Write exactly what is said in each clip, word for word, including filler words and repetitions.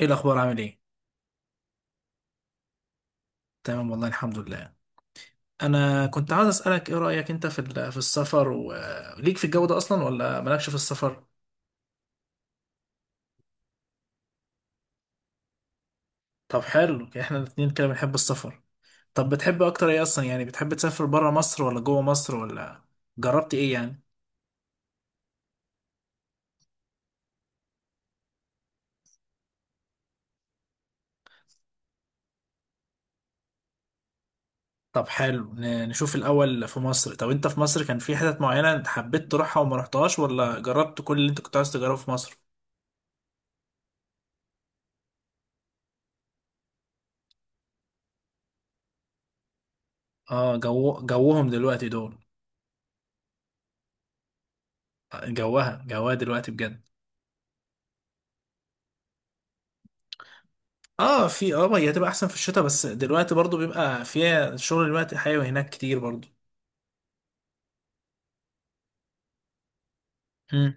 ايه الاخبار عامل ايه؟ تمام والله الحمد لله. انا كنت عاوز اسالك ايه رايك انت في ال- في السفر، وليك في الجو ده اصلا ولا مالكش في السفر؟ طب حلو، يعني احنا الاتنين كده بنحب السفر. طب بتحب اكتر ايه اصلا؟ يعني بتحب تسافر برا مصر ولا جوه مصر ولا جربت ايه يعني؟ طب حلو، ن- نشوف الاول في مصر. طب انت في مصر كان في حتت معينه انت حبيت تروحها وما رحتهاش، ولا جربت كل اللي انت كنت عاوز تجربه في مصر؟ اه، جو جوهم دلوقتي دول. جوها جوها دلوقتي بجد. اه، في، اه، ما هي هتبقى احسن في الشتاء، بس دلوقتي برضو بيبقى فيها شغل دلوقتي حيوي هناك كتير برضو. مم.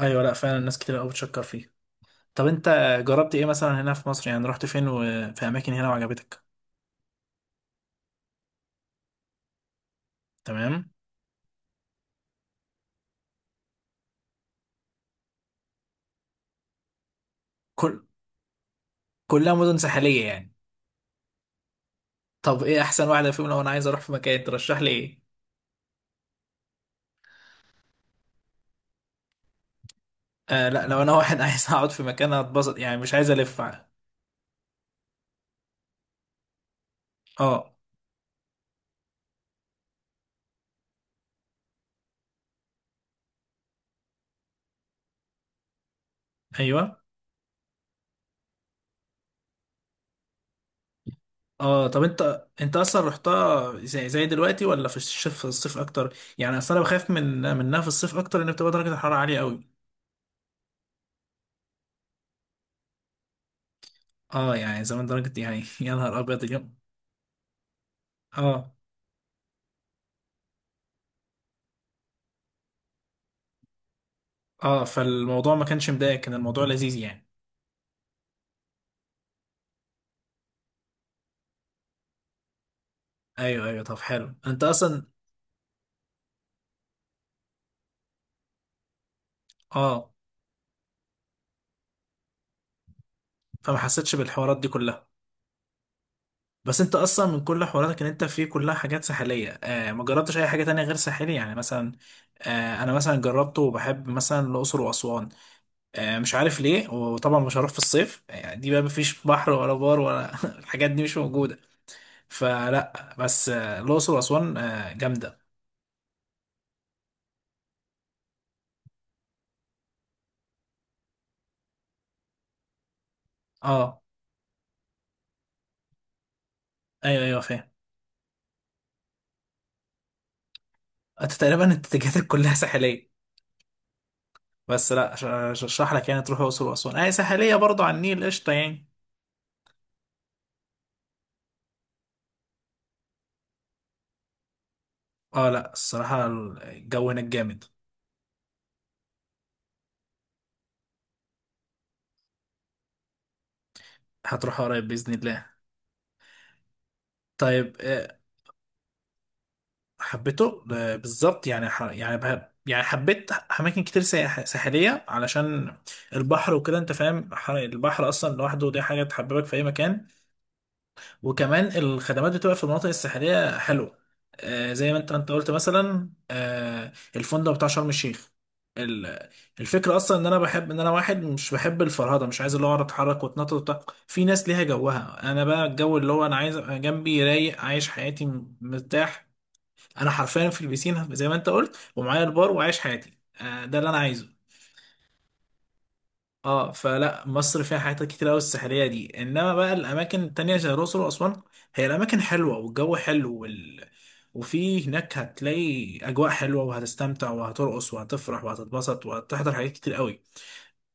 ايوه، لا فعلا الناس كتير قوي بتشكر فيه. طب انت جربت ايه مثلا هنا في مصر؟ يعني رحت فين وفي اماكن هنا وعجبتك؟ تمام. كل كلها مدن ساحليه يعني. طب ايه احسن واحده فيهم لو انا عايز اروح في مكان، ترشح لي ايه؟ آه لا، لو انا واحد عايز اقعد في مكان اتبسط يعني، مش عايز الف. اه. ايوه. اه، طب انت انت اصلا رحتها زي زي دلوقتي ولا في الشتاء في الصيف اكتر؟ يعني اصل انا بخاف من منها في الصيف اكتر، ان بتبقى درجه الحراره عاليه قوي. اه، يعني زمان درجه، يعني يا نهار ابيض اليوم. اه اه فالموضوع ما كانش مضايق، كان الموضوع لذيذ يعني. ايوه ايوه، طب حلو انت اصلا. اه، فما حسيتش بالحوارات دي كلها. بس انت اصلا من كل حواراتك ان انت فيه كلها حاجات ساحليه، آه، ما جربتش اي حاجه تانية غير ساحليه يعني؟ مثلا آه، انا مثلا جربته وبحب مثلا الاقصر واسوان، آه، مش عارف ليه. وطبعا مش هروح في الصيف يعني، دي بقى مفيش بحر ولا بار ولا الحاجات دي مش موجودة. فلا، بس آه، الأقصر وأسوان آه، جامدة. اه. ايوه ايوه فاهم. انت تقريبا اتجاهاتك كلها ساحلية، بس لا أش- أش- اشرح لك يعني، تروح الأقصر وأسوان اي ساحلية برضه على النيل، قشطة يعني. اه لا، الصراحة الجو هناك جامد. هتروح قريب بإذن الله. طيب آه، حبيته ده بالظبط يعني ح... يعني بح... يعني حبيت اماكن كتير سياح- ساحليه علشان البحر وكده، انت فاهم، حر- البحر اصلا لوحده دي حاجه تحببك في اي مكان. وكمان الخدمات بتبقى في المناطق الساحليه حلوه. آه، زي ما انت انت قلت مثلا آه، الفندق بتاع شرم الشيخ. ال- الفكره اصلا ان انا بحب ان انا واحد مش بحب الفرهده، مش عايز اللي هو اقعد اتحرك واتنطط وبتاع. في ناس ليها جوها، انا بقى الجو اللي هو انا عايز ابقى جنبي رايق، عايش حياتي، مرتاح. انا حرفيا في البيسين زي ما انت قلت، ومعايا البار وعايش حياتي، آه، ده اللي انا عايزه. اه، فلا مصر فيها حاجات كتير قوي الساحليه دي، انما بقى الاماكن التانية زي الاقصر واسوان، هي الاماكن حلوه والجو حلو وال... وفي هناك هتلاقي اجواء حلوه وهتستمتع وهترقص وهتفرح وهتتبسط وهتحضر حاجات كتير قوي.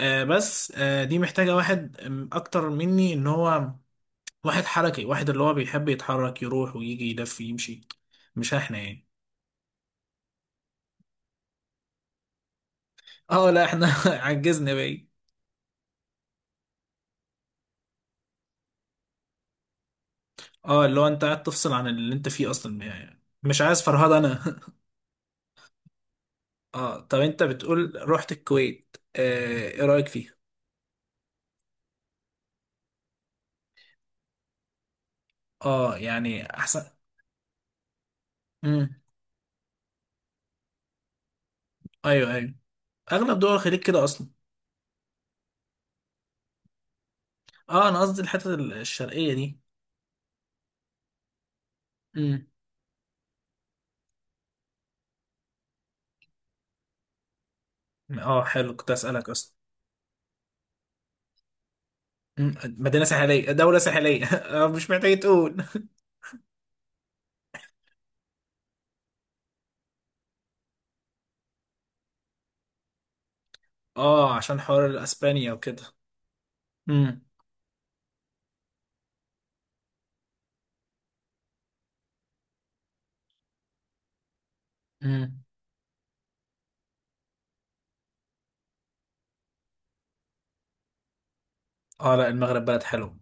آه، بس آه، دي محتاجه واحد آم، اكتر مني، ان هو واحد حركي، واحد اللي هو بيحب يتحرك يروح ويجي يلف يمشي. مش احنا يعني. اه لا، احنا عجزنا بقى. اه، اللي هو انت قاعد تفصل عن اللي انت فيه اصلا يعني، مش عايز فرهدة انا. اه، طب انت بتقول رحت الكويت، آه، ايه رأيك فيها؟ اه، يعني احسن. امم، ايوه ايوه، اغلب دول الخليج كده اصلا. اه انا قصدي الحتة ال- الشرقية دي. امم. اه حلو، كنت اسألك اصلا. مم. مدينة ساحلية دولة ساحلية آه، مش محتاج تقول. اه، عشان حوار اسبانيا وكده. امم. امم. اه لا، المغرب بلد حلو.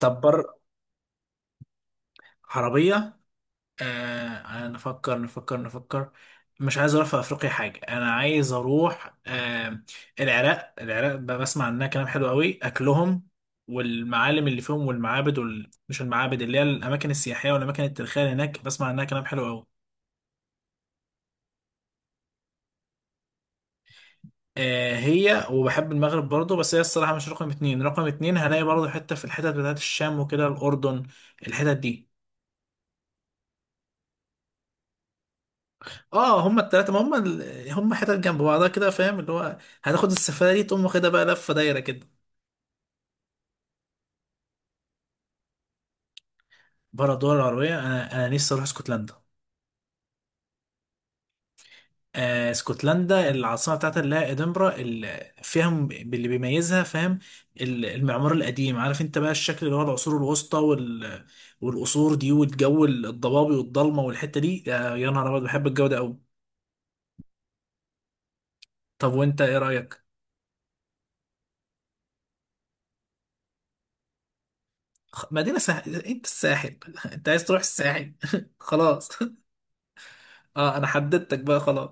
طب بر. عربية؟ آه، نفكر نفكر نفكر. مش عايز اروح في افريقيا حاجه، انا عايز اروح آه، العراق. العراق ب- بسمع عنها كلام حلو قوي، اكلهم والمعالم اللي فيهم والمعابد وال... مش المعابد، اللي هي الاماكن السياحيه والاماكن التاريخيه اللي هناك بسمع عنها كلام حلو قوي. آه هي، وبحب المغرب برضو، بس هي الصراحه مش رقم اتنين. رقم اتنين هلاقي برضو حته في الحتت بتاعت الشام وكده، الاردن، الحتت دي. اه هما التلاته، ما هما ال... هما حتت جنب بعضها كده، فاهم اللي هو هتاخد السفاره دي تقوم واخدها بقى لفه دايره كده. بره الدول العربية، أنا أنا نفسي أروح اسكتلندا. آه، اسكتلندا العاصمة بتاعتها اللي هي إدنبرا اللي فيها م- اللي بيميزها فاهم ال- المعمار القديم، عارف أنت بقى الشكل اللي هو العصور الوسطى وال... والقصور دي والجو الضبابي والضلمة والحتة دي، آه يا نهار أبيض، بحب الجو ده أوي. طب وأنت إيه رأيك؟ خ- مدينة ساحل؟ أنت الساحل أنت عايز تروح الساحل؟ خلاص. أه، أنا حددتك بقى خلاص.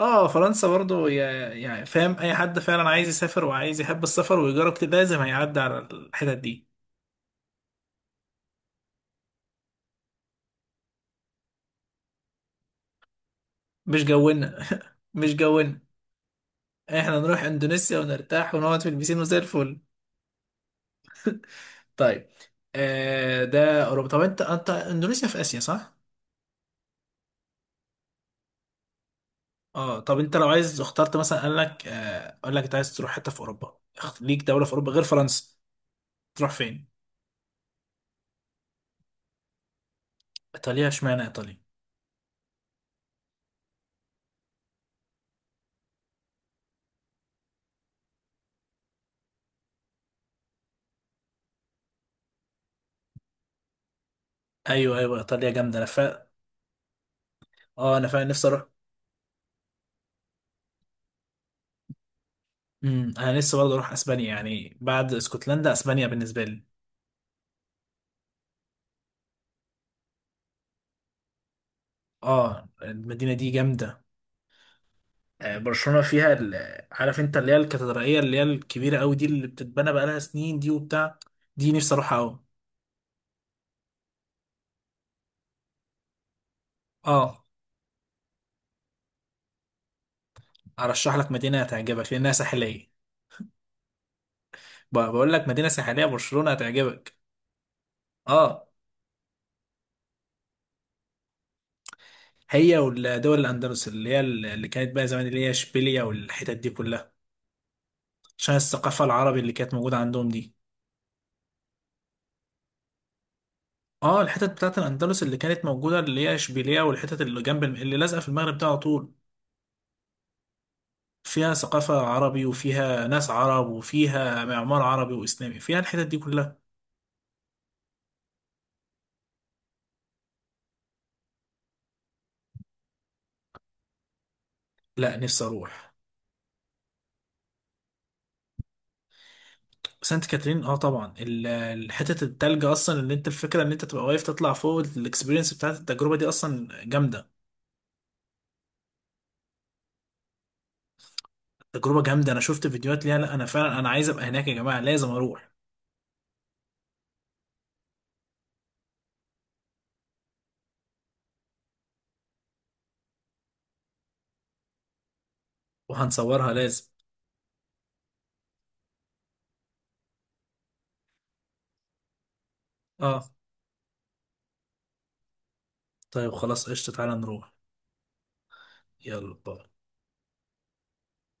اه فرنسا برضو، يا- يعني فاهم، اي حد فعلا عايز يسافر وعايز يحب السفر ويجرب كده لازم هيعدي على الحتت دي. مش جونا. مش جونا، احنا نروح اندونيسيا ونرتاح ونقعد في البيسين وزي الفل. طيب آه ده اوروبا. طب انت انت اندونيسيا في اسيا صح؟ اه، طب انت لو عايز اخترت مثلا، قال لك آه قال لك انت عايز تروح حته في اوروبا، اخت- ليك دوله في اوروبا غير فرنسا، تروح فين؟ ايطاليا، اشمعنى ايطاليا؟ ايوه ايوه ايطاليا جامده، انا فا. اه انا فعلا نفسي اروح. امم، انا لسه برضه اروح اسبانيا، يعني بعد اسكتلندا اسبانيا بالنسبه لي. اه المدينه دي جامده. آه، برشلونه فيها ال- عارف انت اللي هي الكاتدرائيه اللي هي الكبيره قوي دي اللي بتتبنى بقالها سنين دي وبتاع، دي نفسي اروحها قوي. اه ارشح لك مدينه هتعجبك لانها ساحليه، ب- بقول لك مدينه ساحليه برشلونه هتعجبك. اه هي والدول الاندلس اللي هي ال- اللي كانت بقى زمان اللي هي اشبيليه والحتت دي كلها، عشان الثقافه العربي اللي كانت موجوده عندهم دي. اه الحتت بتاعت الاندلس اللي كانت موجوده اللي هي اشبيليه والحتت اللي جنب الم... اللي لازقه في المغرب ده على طول، فيها ثقافه عربي وفيها ناس عرب وفيها معمار عربي واسلامي، فيها الحتت دي كلها. لا نفسي اروح سانت كاترين. اه طبعا ال- الحتت التلج اصلا، اللي انت الفكره ان انت تبقى واقف تطلع فوق، الاكسبيرينس بتاعت التجربه دي اصلا جامده. تجربه جامده، انا شفت فيديوهات ليها، لا انا فعلا انا عايز ابقى هناك يا جماعه، لازم اروح. وهنصورها لازم. اه طيب خلاص قشطه، تعالى نروح. يلا باي.